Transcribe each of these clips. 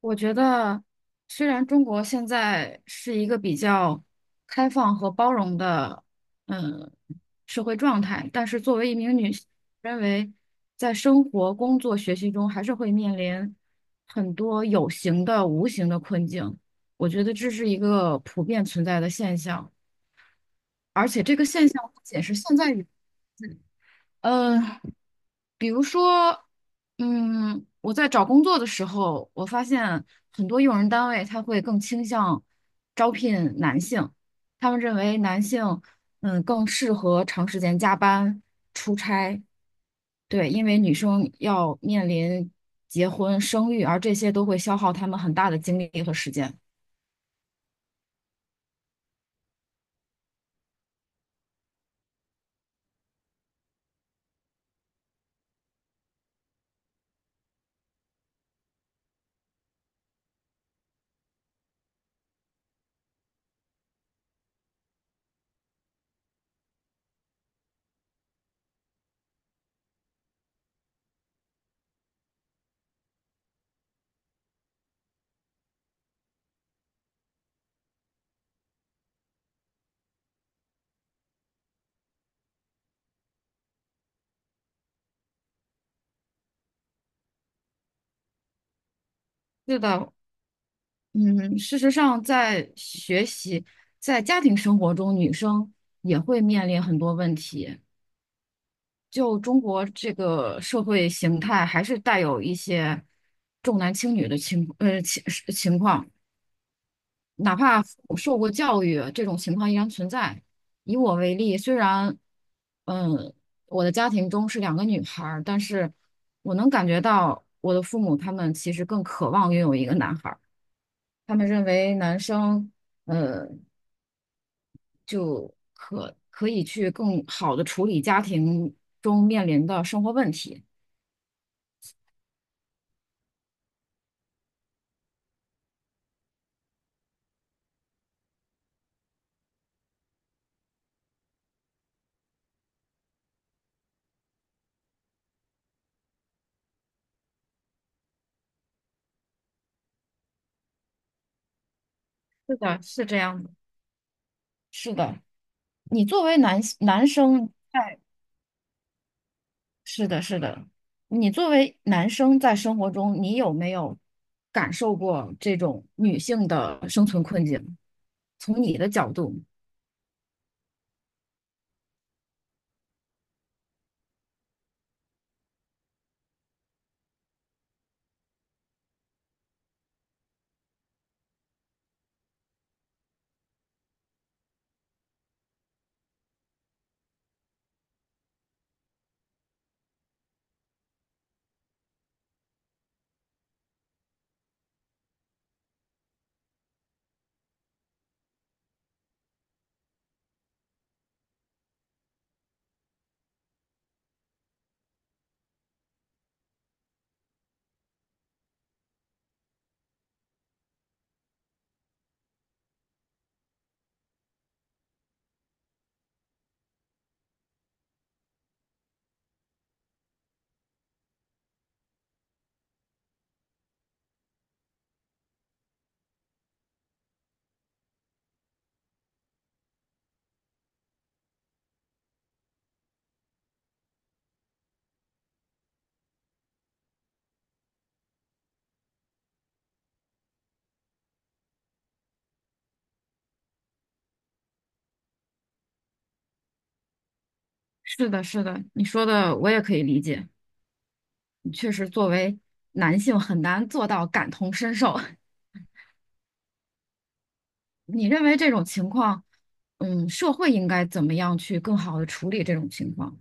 我觉得，虽然中国现在是一个比较开放和包容的，嗯，社会状态，但是作为一名女性，认为在生活、工作、学习中还是会面临很多有形的、无形的困境。我觉得这是一个普遍存在的现象，而且这个现象不仅是现在。嗯，比如说，我在找工作的时候，我发现很多用人单位他会更倾向招聘男性，他们认为男性，更适合长时间加班、出差，对，因为女生要面临结婚、生育，而这些都会消耗他们很大的精力和时间。是的，嗯，事实上，在学习、在家庭生活中，女生也会面临很多问题。就中国这个社会形态，还是带有一些重男轻女的情况，哪怕受过教育，这种情况依然存在。以我为例，虽然嗯我的家庭中是两个女孩儿，但是我能感觉到我的父母他们其实更渴望拥有一个男孩儿，他们认为男生就可以去更好的处理家庭中面临的生活问题。是的，是这样的，是的。你作为男生在，是的，是的，你作为男生在生活中，你有没有感受过这种女性的生存困境？从你的角度，是的，是的，你说的我也可以理解。确实，作为男性很难做到感同身受。你认为这种情况，嗯，社会应该怎么样去更好的处理这种情况？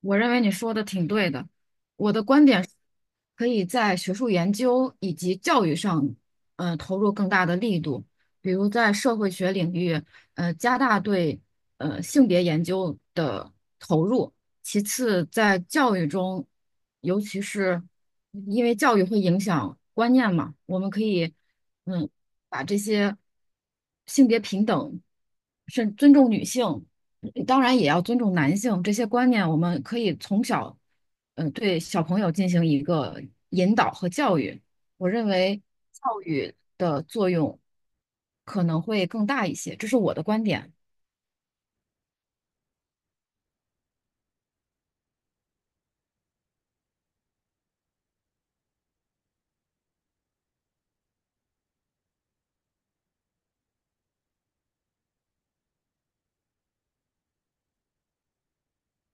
我认为你说的挺对的。我的观点是可以在学术研究以及教育上，投入更大的力度，比如在社会学领域，加大对性别研究的投入。其次，在教育中，尤其是因为教育会影响观念嘛，我们可以，嗯，把这些性别平等，甚尊重女性。当然也要尊重男性这些观念，我们可以从小，对小朋友进行一个引导和教育。我认为教育的作用可能会更大一些，这是我的观点。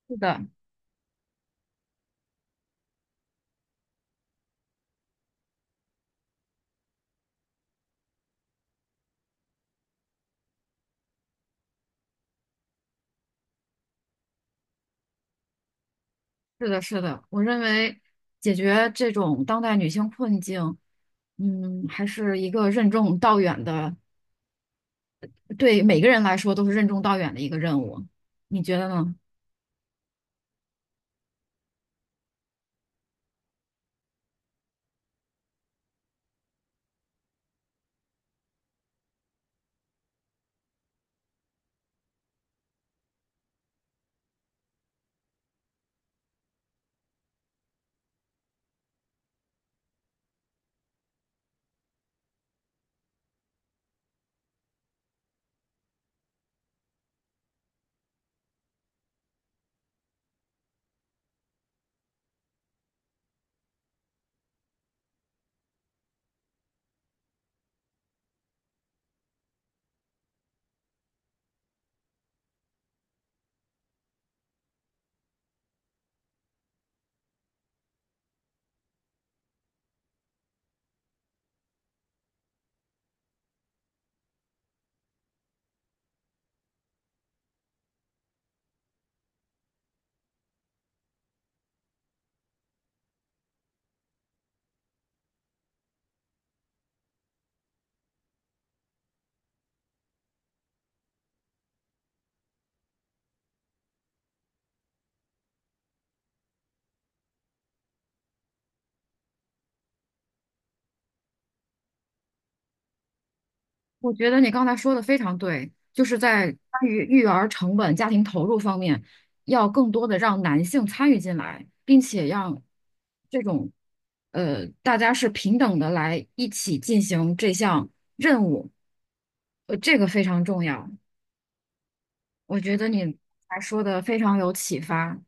是的，是的，是的，我认为解决这种当代女性困境，嗯，还是一个任重道远的，对每个人来说都是任重道远的一个任务。你觉得呢？我觉得你刚才说的非常对，就是在关于育儿成本、家庭投入方面，要更多的让男性参与进来，并且让这种大家是平等的来一起进行这项任务，这个非常重要。我觉得你还说的非常有启发。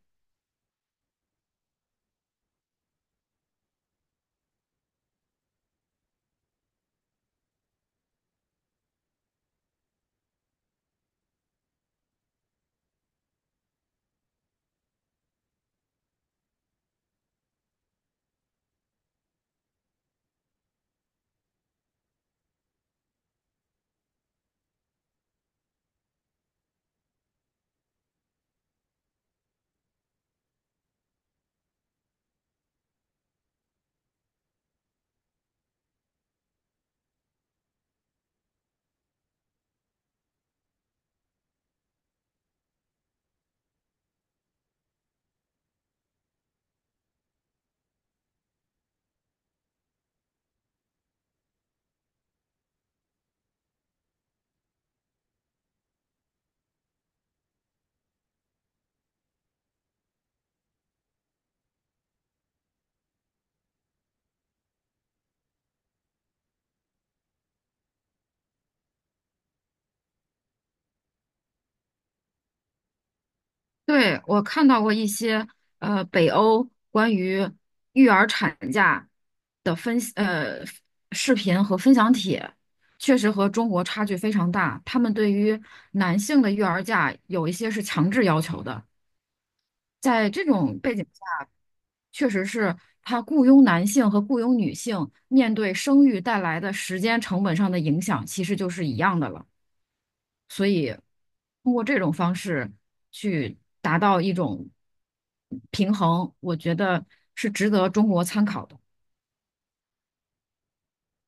对，我看到过一些北欧关于育儿产假的分析视频和分享帖，确实和中国差距非常大。他们对于男性的育儿假有一些是强制要求的，在这种背景下，确实是他雇佣男性和雇佣女性面对生育带来的时间成本上的影响，其实就是一样的了。所以通过这种方式去达到一种平衡，我觉得是值得中国参考的。